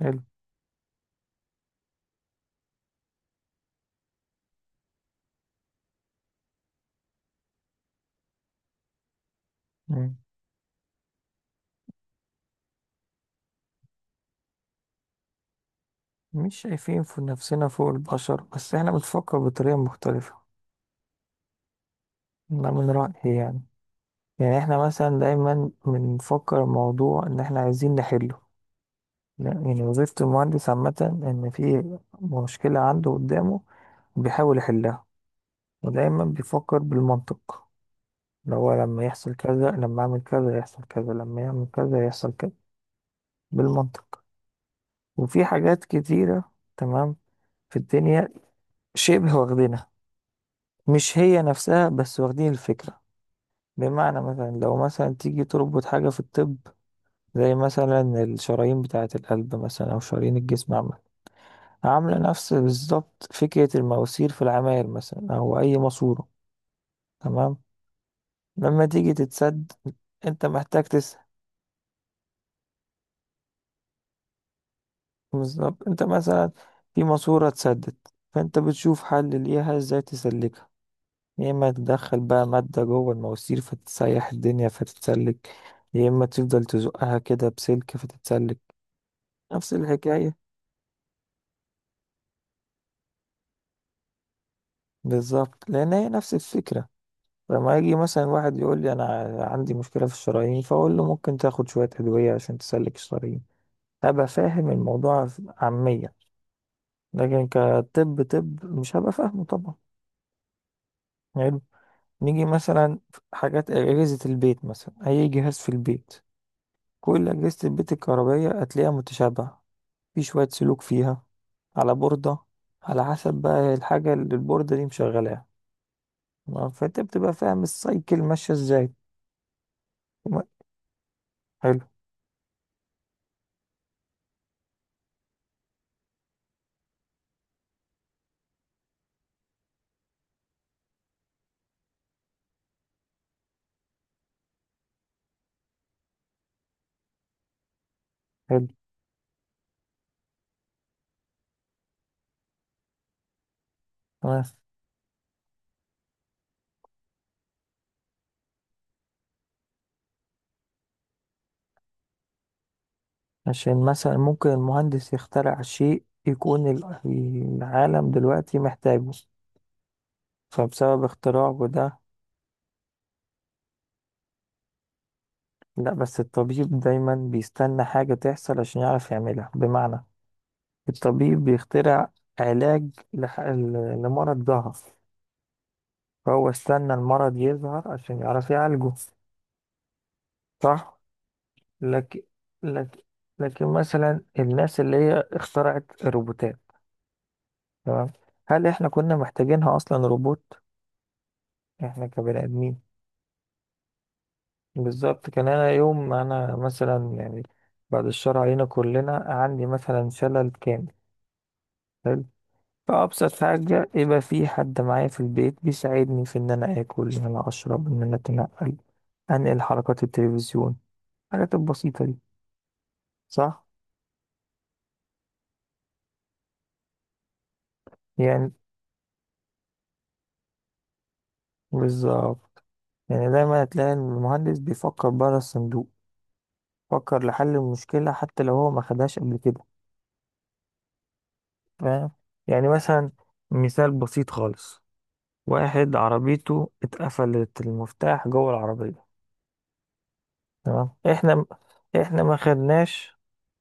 حلو. مم. مش شايفين في نفسنا فوق البشر، بس احنا بنفكر بطريقة مختلفة. ده من رأيي يعني. يعني احنا مثلا دايما بنفكر الموضوع ان احنا عايزين نحله. لا، يعني وظيفة المهندس عامة ان في مشكلة عنده قدامه، بيحاول يحلها، ودايما بيفكر بالمنطق. اللي هو لما يحصل كذا، لما اعمل كذا يحصل كذا، لما يعمل كذا يحصل كذا. بالمنطق. وفي حاجات كتيرة تمام في الدنيا شبه واخدينها. مش هي نفسها، بس واخدين الفكرة. بمعنى مثلا لو تيجي تربط حاجة في الطب، زي مثلا الشرايين بتاعة القلب مثلا أو شرايين الجسم عامة، عاملة نفس بالظبط فكرة المواسير في العماير مثلا أو أي ماسورة. تمام. لما تيجي تتسد، أنت محتاج تسأل. بالظبط، أنت مثلا في ماسورة اتسدت، فأنت بتشوف حل ليها ازاي تسلكها. يا اما تدخل بقى مادة جوه المواسير فتسيح الدنيا فتتسلك، يا اما تفضل تزقها كده بسلك فتتسلك. نفس الحكاية بالظبط، لان هي نفس الفكرة. لما يجي مثلا واحد يقول لي انا عندي مشكلة في الشرايين، فاقول له ممكن تاخد شوية ادوية عشان تسلك الشرايين. هبقى فاهم الموضوع عامية، لكن كطب طب مش هبقى فاهمه طبعا. حلو. نيجي مثلا في حاجات أجهزة البيت، مثلا أي جهاز في البيت، كل أجهزة البيت الكهربائية هتلاقيها متشابهة. في شوية سلوك فيها على بوردة، على حسب بقى الحاجة اللي البوردة دي مشغلاها. تمام؟ فانت بتبقى فاهم السايكل ماشية ازاي. تمام؟ حلو. حلو. تمام. عشان مثلا ممكن المهندس يخترع شيء يكون العالم دلوقتي محتاجه، فبسبب اختراعه ده. لا، بس الطبيب دايما بيستنى حاجة تحصل عشان يعرف يعملها. بمعنى الطبيب بيخترع علاج لمرض ظهر. فهو استنى المرض يظهر عشان يعرف يعالجه. صح. لكن لكن لكن مثلا الناس اللي هي اخترعت الروبوتات، تمام، هل احنا كنا محتاجينها اصلا روبوت؟ احنا كبني ادمين. بالظبط. كان انا يوم ما انا مثلا يعني، بعد الشر علينا كلنا، عندي مثلا شلل كامل. حلو. فابسط حاجه يبقى في حد معايا في البيت بيساعدني في ان انا اكل، ان انا اشرب، ان انا اتنقل، انقل حركات التلفزيون، الحاجات البسيطه دي. صح. يعني بالظبط. يعني دايما هتلاقي إن المهندس بيفكر بره الصندوق، فكر لحل المشكلة حتى لو هو ما خدهاش قبل كده. فاهم. يعني مثلا، مثال بسيط خالص، واحد عربيته اتقفلت المفتاح جوه العربية. تمام. احنا ما خدناش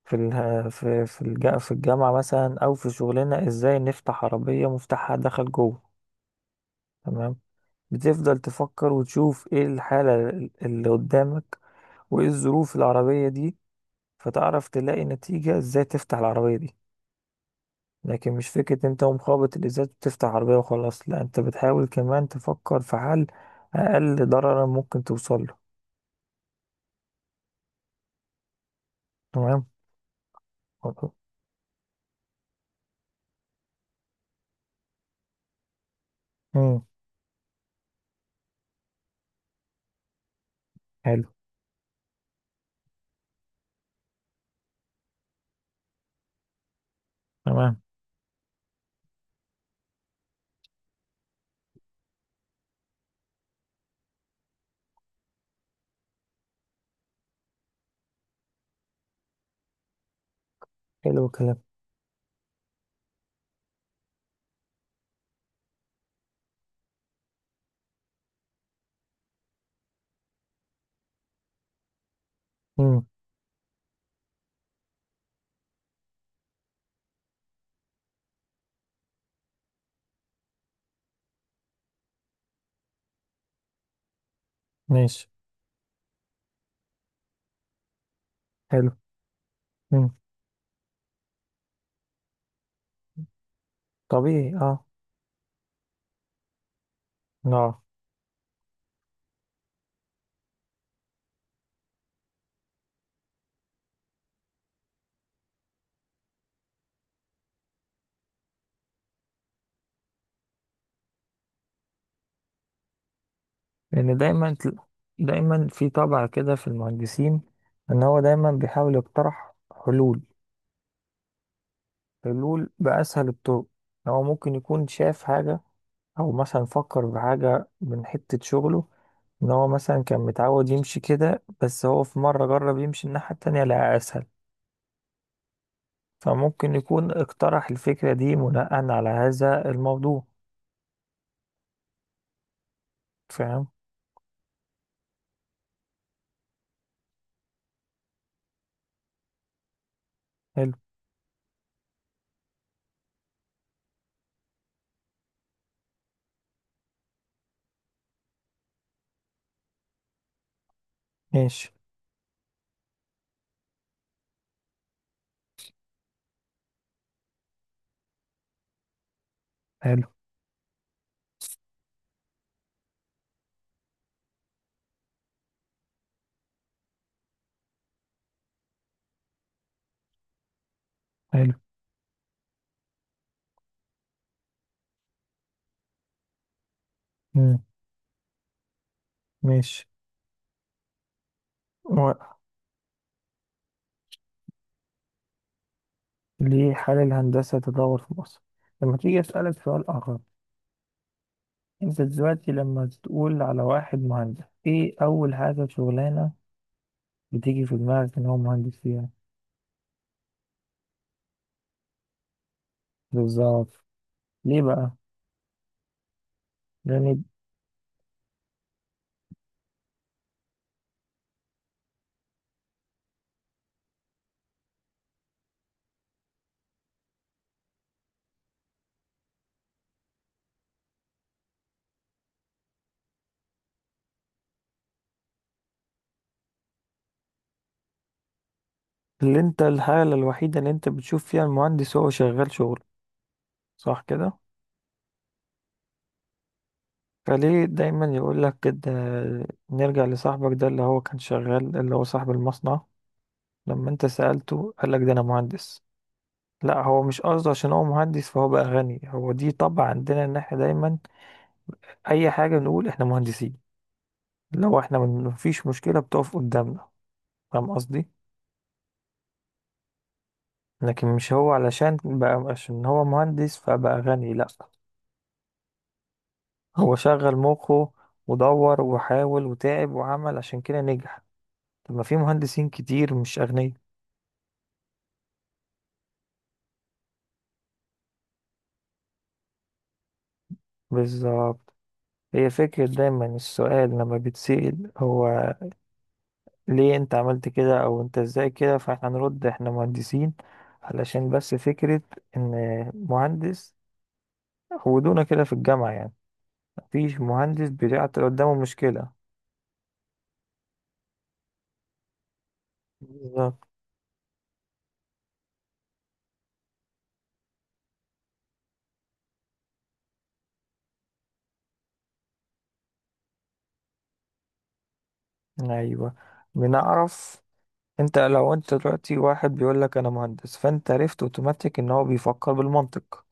في في الجامعة مثلا او في شغلنا ازاي نفتح عربية مفتاحها دخل جوه. تمام. بتفضل تفكر وتشوف ايه الحالة اللي قدامك، وايه الظروف العربية دي، فتعرف تلاقي نتيجة ازاي تفتح العربية دي. لكن مش فكرة انت ومخابط الازاز بتفتح عربية وخلاص. لا، انت بتحاول كمان تفكر في حل اقل ضررا ممكن توصل له. تمام. امم. حلو. تمام. حلو الكلام. امم. ماشي. حلو. امم. طبيعي اه. اه. لان دايما دايما في طبع كده في المهندسين ان هو دايما بيحاول يقترح حلول، حلول باسهل الطرق. هو ممكن يكون شاف حاجة، او مثلا فكر بحاجة من حتة شغله، ان هو مثلا كان متعود يمشي كده، بس هو في مرة جرب يمشي الناحية التانية لقى اسهل. فممكن يكون اقترح الفكرة دي بناء على هذا الموضوع. فاهم. حلو. ماشي. حلو. حلو. مم. ماشي. و- ليه حال الهندسة تدور في مصر؟ لما تيجي أسألك سؤال آخر، أنت دلوقتي لما تقول على واحد مهندس إيه أول حاجة شغلانة بتيجي في دماغك إن هو مهندس فيها؟ بالظبط. ليه بقى؟ يعني اللي انت الحالة الوحيدة اللي انت بتشوف فيها المهندس هو شغال شغل، صح كده؟ فليه دايما يقول لك كده؟ نرجع لصاحبك ده اللي هو كان شغال، اللي هو صاحب المصنع، لما انت سألته قال لك ده انا مهندس. لا، هو مش قصده عشان هو مهندس فهو بقى غني. هو دي طبع عندنا ان احنا دايما اي حاجة بنقول احنا مهندسين. لو احنا مفيش مشكلة بتقف قدامنا. فاهم قصدي؟ لكن مش هو علشان بقى عشان هو مهندس فبقى غني. لا، هو شغل مخه، ودور، وحاول، وتعب، وعمل، عشان كده نجح. طب ما في مهندسين كتير مش أغنياء. بالظبط. هي فكرة دايما السؤال لما بتسأل هو ليه انت عملت كده، او انت ازاي كده، فاحنا هنرد احنا مهندسين. علشان بس فكرة ان مهندس، ودونا كده في الجامعة يعني. مفيش مهندس بيعطي قدامه مشكلة. بالظبط. ايوه، بنعرف. انت لو انت دلوقتي واحد بيقول لك انا مهندس، فانت عرفت اوتوماتيك ان هو بيفكر بالمنطق،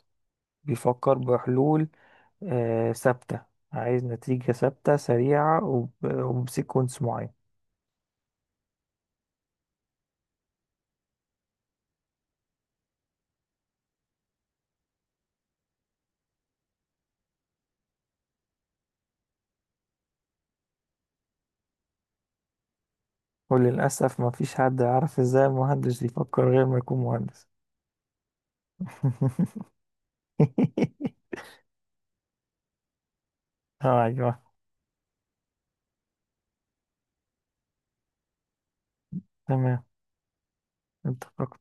بيفكر بحلول. آه، ثابتة. عايز نتيجة ثابتة سريعة وبسيكونس معين. وللأسف ما فيش حد يعرف ازاي المهندس يفكر غير ما يكون مهندس. اه ايوه. تمام. انت فكرت